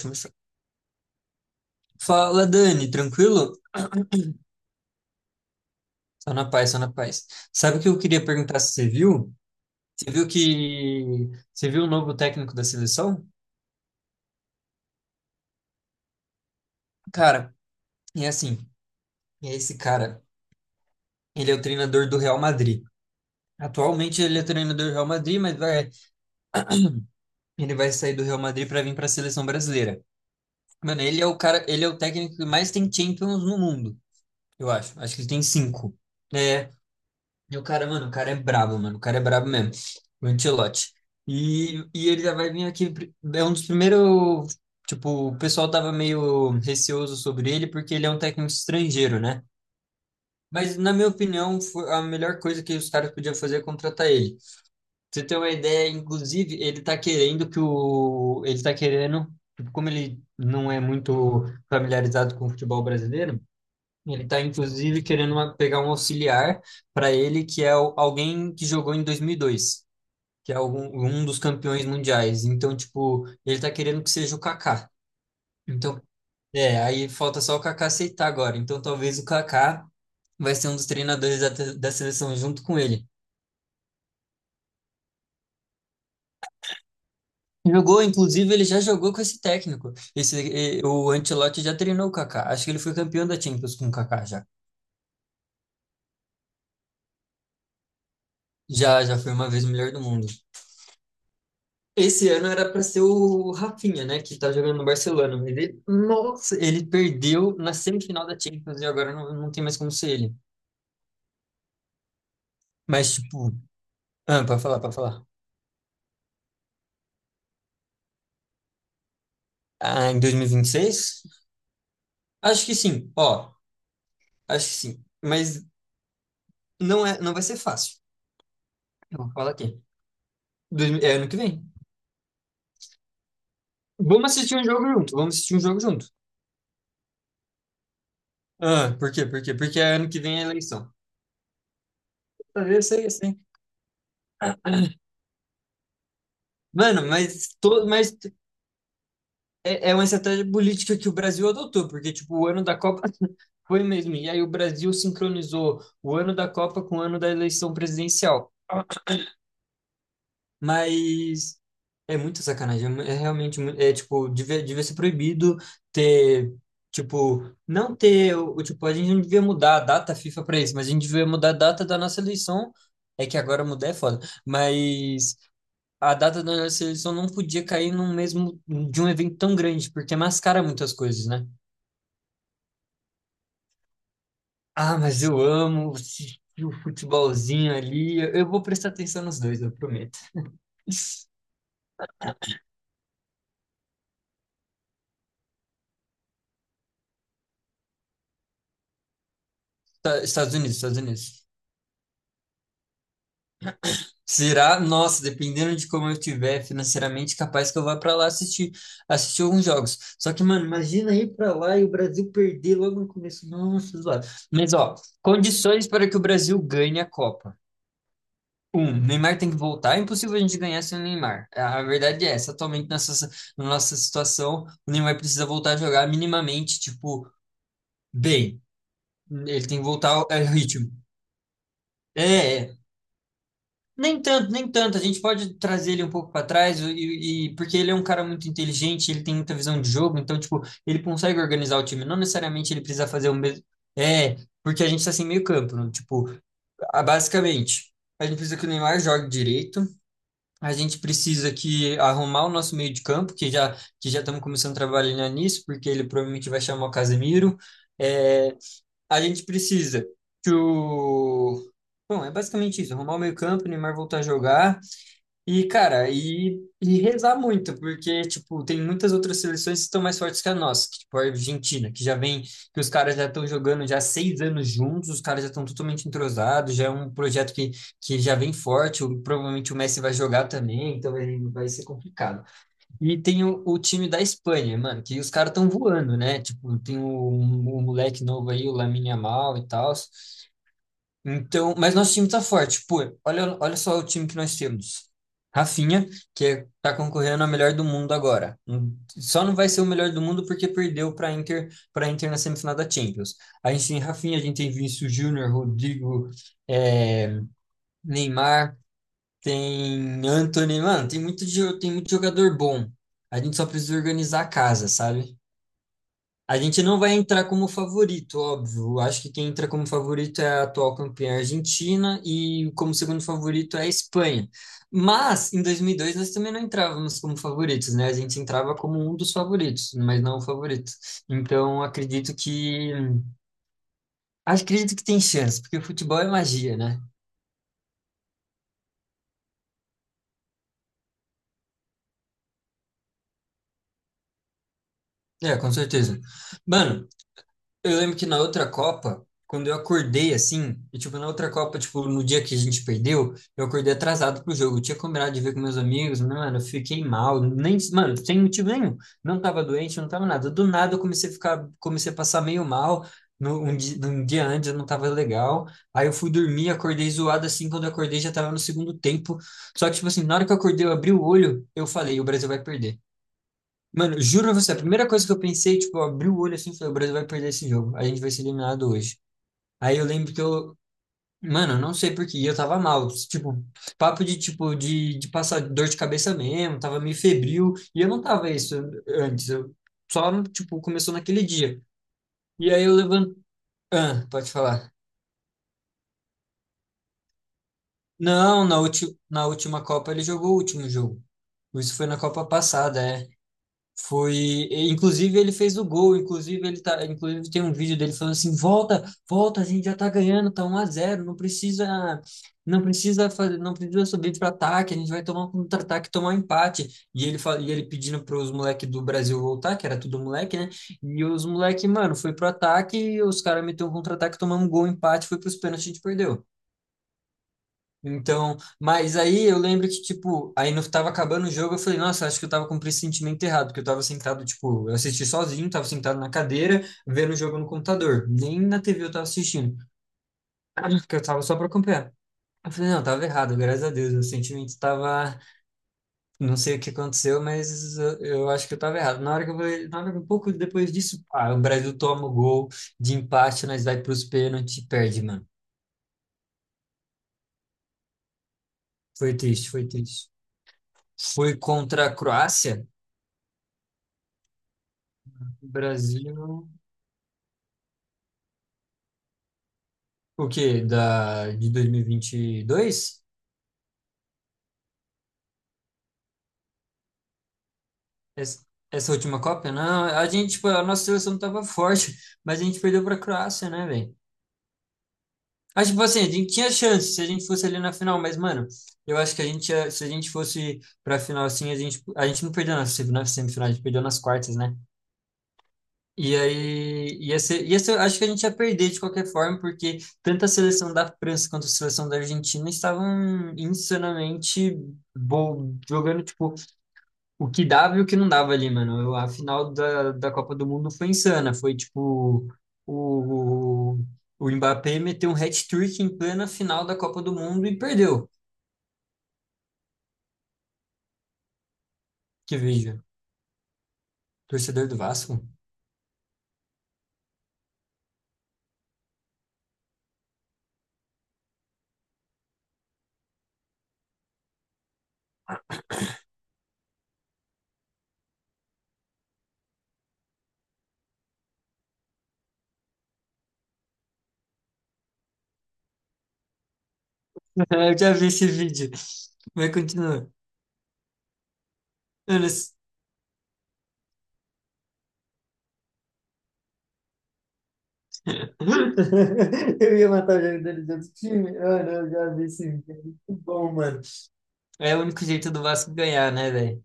Começar. Fala, Dani, tranquilo? Só na paz, só na paz. Sabe o que eu queria perguntar se você viu? Você viu que Você viu o novo técnico da seleção? Cara, é assim, é esse cara. Ele é o treinador do Real Madrid. Atualmente ele é treinador do Real Madrid, ele vai sair do Real Madrid para vir para a seleção brasileira. Mano, ele é o cara, ele é o técnico que mais tem Champions no mundo, eu acho. Acho que ele tem cinco. É. E o cara, mano, o cara é brabo, mano. O cara é brabo mesmo. O Ancelotti. E ele já vai vir aqui. É um dos primeiros. Tipo, o pessoal tava meio receoso sobre ele porque ele é um técnico estrangeiro, né? Mas, na minha opinião, foi a melhor coisa que os caras podiam fazer é contratar ele. Pra você ter uma ideia, inclusive, ele tá querendo que o. Ele tá querendo. Tipo, como ele não é muito familiarizado com o futebol brasileiro, ele está, inclusive, querendo pegar um auxiliar para ele, alguém que jogou em 2002, que é um dos campeões mundiais. Então, tipo, ele está querendo que seja o Kaká. Então, é, aí falta só o Kaká aceitar agora. Então, talvez o Kaká vai ser um dos treinadores da seleção junto com ele. Jogou, inclusive, ele já jogou com esse técnico. O Ancelotti já treinou o Kaká. Acho que ele foi campeão da Champions com o Kaká já. Já foi uma vez o melhor do mundo. Esse ano era para ser o Rafinha, né, que tá jogando no Barcelona. Mas ele, nossa, ele perdeu na semifinal da Champions e agora não tem mais como ser ele. Mas, tipo, para falar, para falar. Ah, em 2026? Acho que sim, ó, acho que sim. Mas não vai ser fácil. Eu vou falar aqui. É ano que vem. Vamos assistir um jogo junto, vamos assistir um jogo junto. Ah, por quê? Por quê? Porque é ano que vem é eleição. Ah, eu sei, eu sei. Mano, mas. É, é uma estratégia política que o Brasil adotou, porque, tipo, o ano da Copa foi mesmo. E aí o Brasil sincronizou o ano da Copa com o ano da eleição presidencial. Mas é muita sacanagem. É realmente, é, tipo, devia ser proibido ter, tipo, não ter, tipo, a gente não devia mudar a data FIFA para isso, mas a gente devia mudar a data da nossa eleição. É que agora mudar é foda. Mas a data da nossa eleição não podia cair no mesmo, de um evento tão grande, porque mascara muitas coisas, né? Ah, mas eu amo assistir o futebolzinho ali. Eu vou prestar atenção nos dois, eu prometo. Esta- Estados Unidos, Estados Unidos. Será? Nossa, dependendo de como eu estiver financeiramente, capaz que eu vá pra lá assistir, alguns jogos. Só que, mano, imagina ir pra lá e o Brasil perder logo no começo. Nossa, zoado. Mas, ó, condições para que o Brasil ganhe a Copa. Neymar tem que voltar. É impossível a gente ganhar sem o Neymar. A verdade é essa. Atualmente, na nossa situação, o Neymar precisa voltar a jogar minimamente, tipo, bem. Ele tem que voltar ao ritmo. É, é. Nem tanto, nem tanto. A gente pode trazer ele um pouco para trás, porque ele é um cara muito inteligente, ele tem muita visão de jogo, então, tipo, ele consegue organizar o time. Não necessariamente ele precisa fazer o mesmo. É, porque a gente tá sem meio campo, né? Tipo, basicamente, a gente precisa que o Neymar jogue direito. A gente precisa que arrumar o nosso meio de campo, que já estamos começando a trabalhar nisso, porque ele provavelmente vai chamar o Casemiro. É, a gente precisa que o. Bom, é basicamente isso, arrumar o meio campo, o Neymar voltar a jogar, e, cara, e rezar muito, porque, tipo, tem muitas outras seleções que estão mais fortes que a nossa, que, tipo, a Argentina, que já vem, que os caras já estão jogando já há 6 anos juntos, os caras já estão totalmente entrosados, já é um projeto que já vem forte, provavelmente o Messi vai jogar também, então vai ser complicado. E tem o time da Espanha, mano, que os caras estão voando, né? Tipo, tem o moleque novo aí, o Lamine Yamal e tal, então, mas nosso time tá forte. Pô, olha, olha só o time que nós temos. Rafinha, tá concorrendo a melhor do mundo agora. Só não vai ser o melhor do mundo porque perdeu para Inter na semifinal da Champions. A gente tem Rafinha, a gente tem Vinícius Júnior, Rodrigo, é, Neymar, tem Antony, mano, tem muito jogador bom. A gente só precisa organizar a casa, sabe? A gente não vai entrar como favorito, óbvio. Acho que quem entra como favorito é a atual campeã argentina e como segundo favorito é a Espanha. Mas em 2002 nós também não entrávamos como favoritos, né? A gente entrava como um dos favoritos, mas não o favorito. Então acredito que tem chance, porque futebol é magia, né? É, com certeza. Mano, eu lembro que na outra Copa, quando eu acordei assim, e tipo, na outra Copa, tipo, no dia que a gente perdeu, eu acordei atrasado pro jogo. Eu tinha combinado de ver com meus amigos, mas, mano, eu fiquei mal, nem, mano, sem motivo nenhum. Não tava doente, não tava nada. Do nada eu comecei a passar meio mal. No, um, di- Um dia antes eu não tava legal. Aí eu fui dormir, acordei zoado assim. Quando eu acordei já tava no segundo tempo. Só que, tipo assim, na hora que eu acordei, eu abri o olho, eu falei: o Brasil vai perder. Mano, juro pra você, a primeira coisa que eu pensei, tipo, eu abri o olho assim, e falei, o Brasil vai perder esse jogo. A gente vai ser eliminado hoje. Aí eu lembro que eu, mano, eu não sei por quê, eu tava mal, tipo, papo de tipo de passar dor de cabeça mesmo, tava meio febril, e eu não tava isso antes, eu só tipo começou naquele dia. E aí eu levanto, ah, pode falar. Não, na última Copa ele jogou o último jogo. Isso foi na Copa passada, é. Foi, inclusive ele fez o gol, inclusive ele tá, inclusive tem um vídeo dele falando assim: "Volta, volta, a gente já tá ganhando, tá 1-0, não precisa fazer, não precisa subir para ataque, a gente vai tomar um contra-ataque, tomar um empate". E ele pedindo para os moleque do Brasil voltar, que era tudo moleque, né? E os moleque, mano, foi pro ataque, os caras meteu um contra-ataque, tomamos um gol, um empate, foi pros pênaltis, a gente perdeu. Então, mas aí eu lembro que, tipo, aí no, tava acabando o jogo, eu falei, nossa, acho que eu tava com o pressentimento errado, porque eu tava sentado, tipo, eu assisti sozinho, tava sentado na cadeira, vendo o jogo no computador. Nem na TV eu tava assistindo, porque eu tava só pra acompanhar. Eu falei, não, tava errado, graças a Deus, o sentimento tava, não sei o que aconteceu, mas eu acho que eu tava errado. Na hora que eu falei, um pouco depois disso, pá, o Brasil toma o gol de empate, nós vai pros pênaltis e perde, mano. Foi triste, foi triste. Foi contra a Croácia, Brasil. O quê? De 2022? Essa, essa última Copa? Não, a gente, tipo, a nossa seleção tava forte, mas a gente perdeu pra Croácia, né, velho? Acho tipo assim, a gente tinha chance se a gente fosse ali na final, mas, mano, eu acho que se a gente fosse pra final assim, a gente não perdeu na, sem- na semifinal, a gente perdeu nas quartas, né? E aí, ia ser, acho que a gente ia perder de qualquer forma, porque tanto a seleção da França quanto a seleção da Argentina estavam insanamente jogando, tipo, o que dava e o que não dava ali, mano. A final da Copa do Mundo foi insana. Foi, tipo, o, o Mbappé meteu um hat-trick em plena final da Copa do Mundo e perdeu. Que vídeo. Torcedor do Vasco? Eu já vi esse vídeo. Mas continua. Mano, eu ia matar o jogador de outro time. Mano, eu já vi esse vídeo. É muito bom, mano. É o único jeito do Vasco ganhar, né, velho?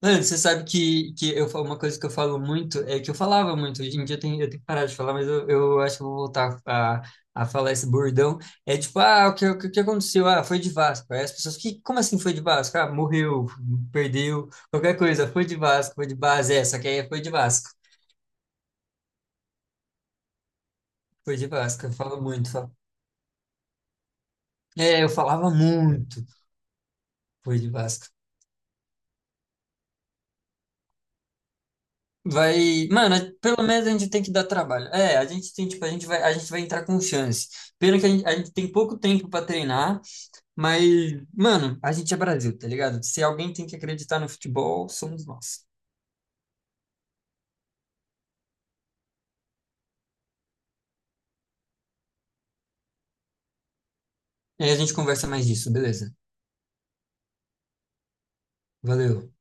Mano, você sabe que uma coisa que eu falo muito é que eu falava muito. Hoje em dia eu tenho que parar de falar, mas eu acho que eu vou voltar a, falar esse bordão. É tipo, o que aconteceu? Ah, foi de Vasco. Aí as pessoas, como assim foi de Vasco? Ah, morreu, perdeu, qualquer coisa. Foi de Vasco, foi de base. É, só que aí é, foi de Vasco. Foi de Vasco, eu falo muito. É, eu falava muito. Fui de Vasco. Vai, mano, pelo menos a gente tem que dar trabalho. É, a gente tem, tipo, a gente vai entrar com chance. Pena que a gente tem pouco tempo pra treinar, mas, mano, a gente é Brasil, tá ligado? Se alguém tem que acreditar no futebol, somos nós. E aí a gente conversa mais disso, beleza? Valeu.